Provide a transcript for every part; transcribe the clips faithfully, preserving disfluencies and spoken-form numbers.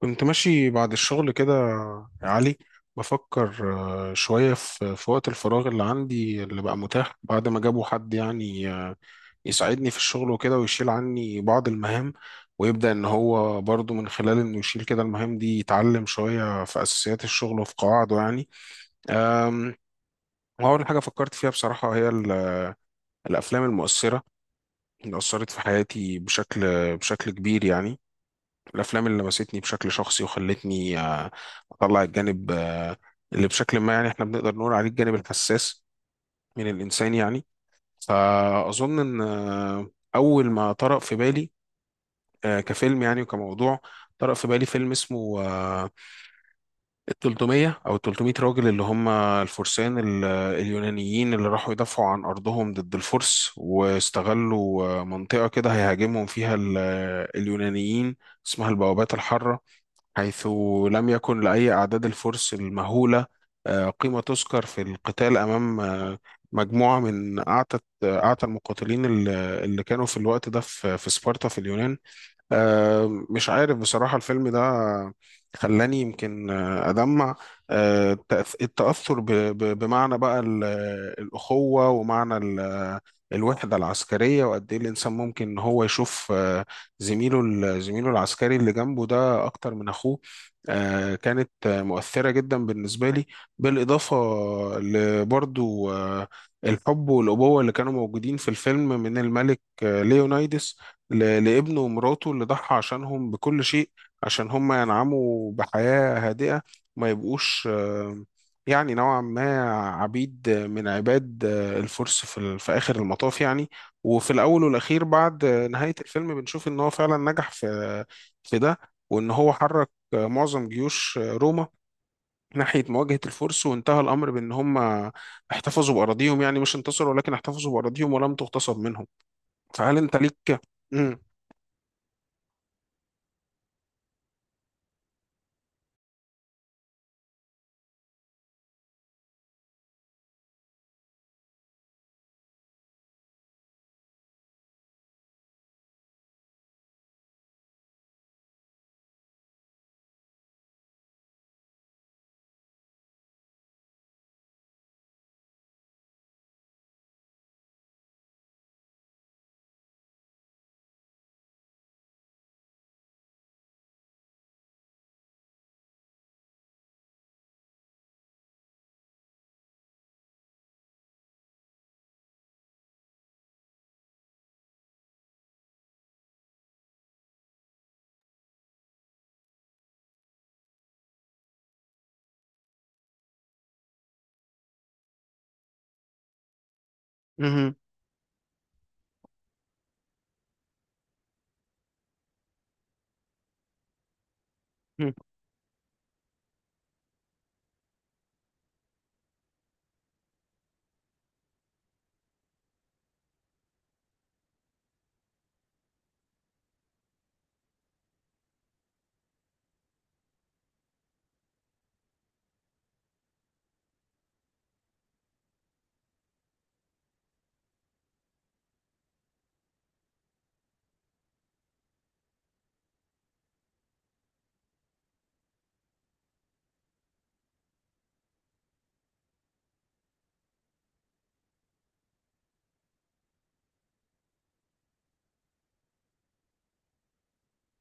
كنت ماشي بعد الشغل كده يا علي. بفكر آه، شوية في في وقت الفراغ اللي عندي اللي بقى متاح بعد ما جابوا حد يعني آه، يساعدني في الشغل وكده ويشيل عني بعض المهام، ويبدأ إن هو برضو من خلال إنه يشيل كده المهام دي يتعلم شوية في أساسيات الشغل وفي قواعده يعني. أم، وأول حاجة فكرت فيها بصراحة هي ال- الأفلام المؤثرة اللي أثرت في حياتي بشكل بشكل كبير يعني، الافلام اللي لمستني بشكل شخصي وخلتني آه، اطلع الجانب آه، اللي بشكل ما، يعني احنا بنقدر نقول عليه الجانب الحساس من الانسان يعني. فاظن ان آه، اول ما طرأ في بالي آه، كفيلم يعني وكموضوع، طرأ في بالي فيلم اسمه آه، ال ثلاثمية او ال ثلاثمية راجل اللي هم الفرسان ال- اليونانيين اللي راحوا يدافعوا عن ارضهم ضد الفرس، واستغلوا آه، منطقة كده هيهاجمهم فيها ال- اليونانيين، اسمها البوابات الحارة، حيث لم يكن لأي أعداد الفرس المهولة آه، قيمة تذكر في القتال أمام آه، مجموعة من أعتى أعتى المقاتلين ال- اللي كانوا في الوقت ده في في سبارتا في اليونان. آه، مش عارف بصراحة الفيلم ده خلاني يمكن آه، أدمع. آه، التأث- التأثر ب- ب- بمعنى بقى ال- الأخوة ومعنى ال- الوحدة العسكرية، وقد إيه الإنسان ممكن إن هو يشوف آه، زميله ال- زميله العسكري اللي جنبه ده أكتر من أخوه. آه، كانت آه، مؤثرة جدا بالنسبة لي. بالإضافة لبرضو آه، الحب والأبوة اللي كانوا موجودين في الفيلم من الملك آه، ليونايدس ل- لابنه ومراته اللي ضحى عشانهم بكل شيء عشان هم ينعموا بحياة هادئة، ما يبقوش آه، يعني نوعا ما عبيد من عباد آه، الفرس في ال- في آخر المطاف يعني. وفي الأول والأخير بعد آه، نهاية الفيلم بنشوف إن هو فعلا نجح في في ده، وإن هو حرك آه، معظم جيوش آه، روما ناحية مواجهة الفرس، وانتهى الأمر بإن هم احتفظوا بأراضيهم، يعني مش انتصروا ولكن احتفظوا بأراضيهم ولم تغتصب منهم. فهل أنت ليك مم. مم.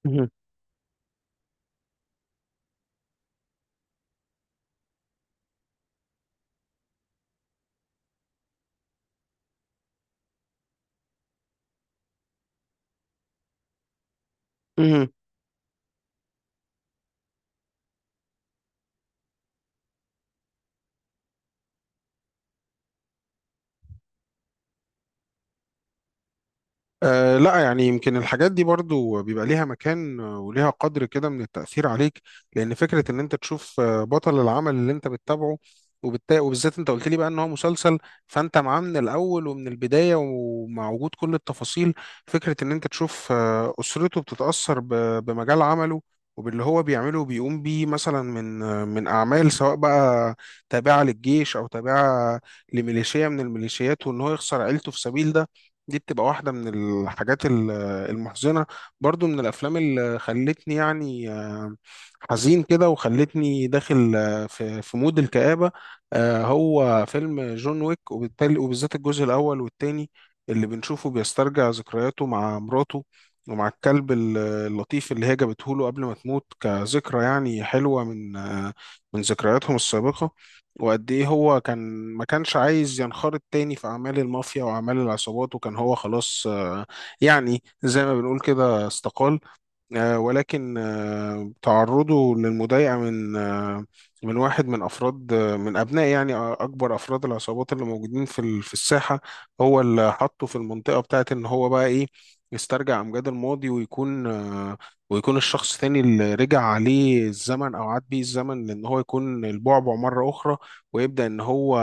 مم. مم. آه لا، يعني يمكن الحاجات دي برضو بيبقى ليها مكان آه، وليها قدر كده من التأثير عليك، لأن فكرة إن أنت تشوف آه، بطل العمل اللي أنت بتتابعه، وبالتالي وبالذات أنت قلت لي بقى إن هو مسلسل، فأنت معاه من الأول ومن البداية ومع وجود كل التفاصيل. فكرة إن أنت تشوف آه، أسرته بتتأثر ب- بمجال عمله وباللي هو بيعمله وبيقوم بيه مثلا من آه، من أعمال سواء بقى تابعة للجيش أو تابعة لميليشيا من الميليشيات، وإن هو يخسر عيلته في سبيل ده، دي بتبقى واحدة من الحاجات ال- المحزنة. برضو من الأفلام اللي خلتني يعني آه، حزين كده وخلتني داخل آه، في في مود الكآبة آه، هو فيلم جون ويك، وبالتالي وبالذات الجزء الأول والتاني اللي بنشوفه بيسترجع ذكرياته مع مراته ومع الكلب ال- اللطيف اللي هي جابته له قبل ما تموت، كذكرى يعني حلوة من آه، من ذكرياتهم السابقة. وقد ايه هو كان ما كانش عايز ينخرط تاني في اعمال المافيا واعمال العصابات، وكان هو خلاص آه، يعني زي ما بنقول كده استقال. آه، ولكن آه، تعرضه للمضايقة من آه، من واحد من أفراد آه، من أبناء يعني آه، أكبر أفراد العصابات اللي موجودين في ال- في الساحة، هو اللي حطه في المنطقة بتاعت إن هو بقى إيه يسترجع أمجاد الماضي ويكون آه، ويكون الشخص تاني اللي رجع عليه الزمن أو عاد بيه الزمن لأن هو يكون البعبع مرة أخرى. ويبدأ إن هو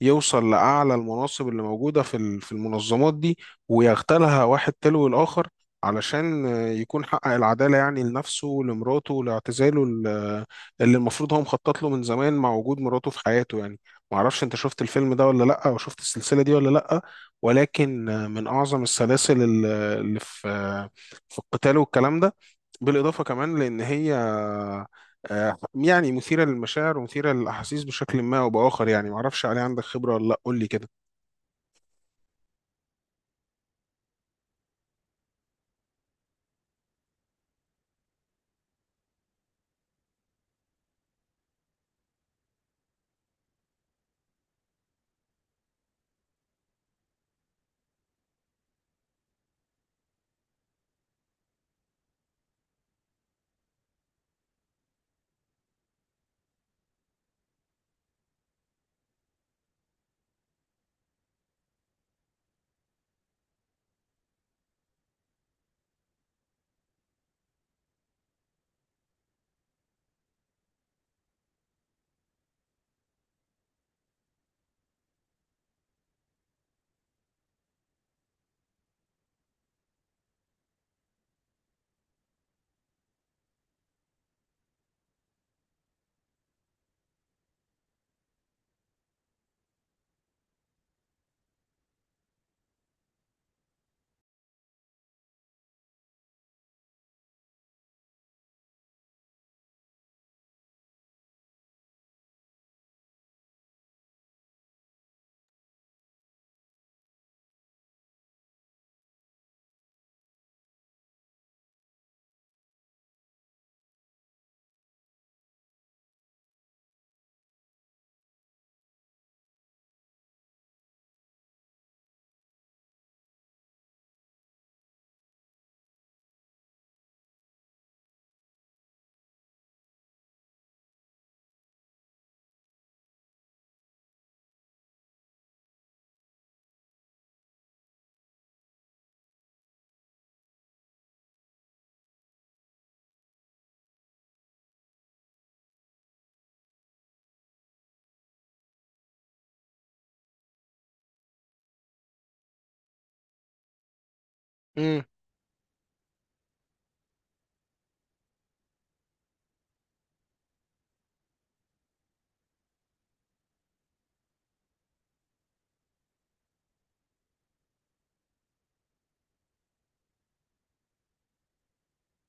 يوصل لأعلى المناصب اللي موجودة في ال- في المنظمات دي ويغتالها واحد تلو الآخر، علشان يكون حقق العدالة يعني لنفسه ولمراته ولاعتزاله ال- اللي المفروض هو مخطط له من زمان مع وجود مراته في حياته يعني. معرفش انت شفت الفيلم ده ولا لأ، وشفت السلسلة دي ولا لأ، ولكن من أعظم السلاسل ال- اللي في في القتال والكلام ده. بالإضافة كمان لأن هي آه، يعني مثيرة للمشاعر ومثيرة للأحاسيس بشكل ما أو بآخر يعني. معرفش عليه عندك خبرة ولا لأ، قول لي كده.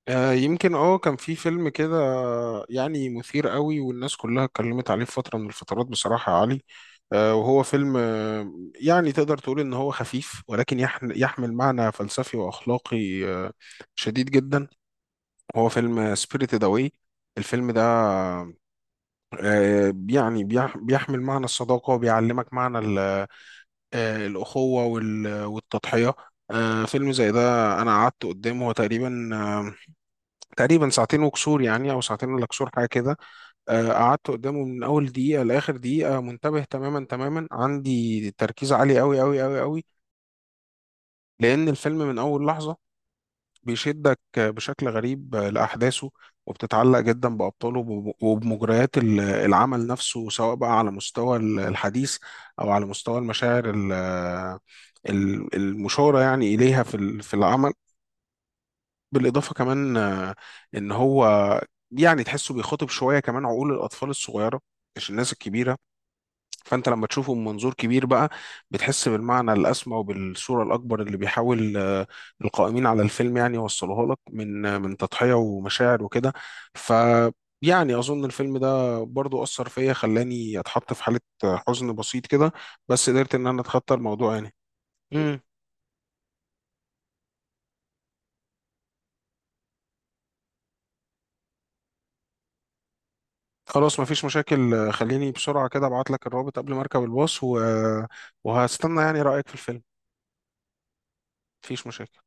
آه، يمكن اه كان في فيلم كده يعني مثير قوي والناس كلها اتكلمت عليه في فترة من الفترات بصراحة يا علي. آه، وهو فيلم آه، يعني تقدر تقول ان هو خفيف ولكن يحن- يحمل معنى فلسفي واخلاقي آه، شديد جدا. هو فيلم سبيريتد اواي. الفيلم ده آه، يعني بيح- بيحمل معنى الصداقة وبيعلمك معنى ال- آه، الأخوة وال- والتضحية. آه، فيلم زي ده أنا قعدت قدامه هو تقريبا تقريبا ساعتين وكسور، يعني او ساعتين ولا كسور حاجه كده. آه، قعدت قدامه من اول دقيقه لاخر دقيقه منتبه تماما تماما، عندي تركيز عالي قوي قوي قوي قوي، لان الفيلم من اول لحظه بيشدك آه، بشكل غريب آه، لاحداثه، وبتتعلق جدا بابطاله وب- وبمجريات ال- العمل نفسه، سواء بقى على مستوى ال- الحديث او على مستوى المشاعر ال- ال- المشاره يعني اليها في ال- في العمل. بالإضافة كمان آه، إن هو يعني تحسه بيخاطب شوية كمان عقول الأطفال الصغيرة، مش الناس الكبيرة. فأنت لما تشوفه من منظور كبير بقى بتحس بالمعنى الأسمى وبالصورة الأكبر اللي بيحاول آه، القائمين على الفيلم يعني يوصلوها لك من آه، من تضحية ومشاعر وكده. ف يعني أظن الفيلم ده برضو أثر فيا، خلاني أتحط في حالة آه، حزن بسيط كده، بس قدرت إن أنا أتخطى الموضوع يعني. خلاص مفيش مشاكل، خليني بسرعة كده ابعت لك الرابط قبل ما اركب الباص و... وهستنى يعني رأيك في الفيلم. مفيش مشاكل.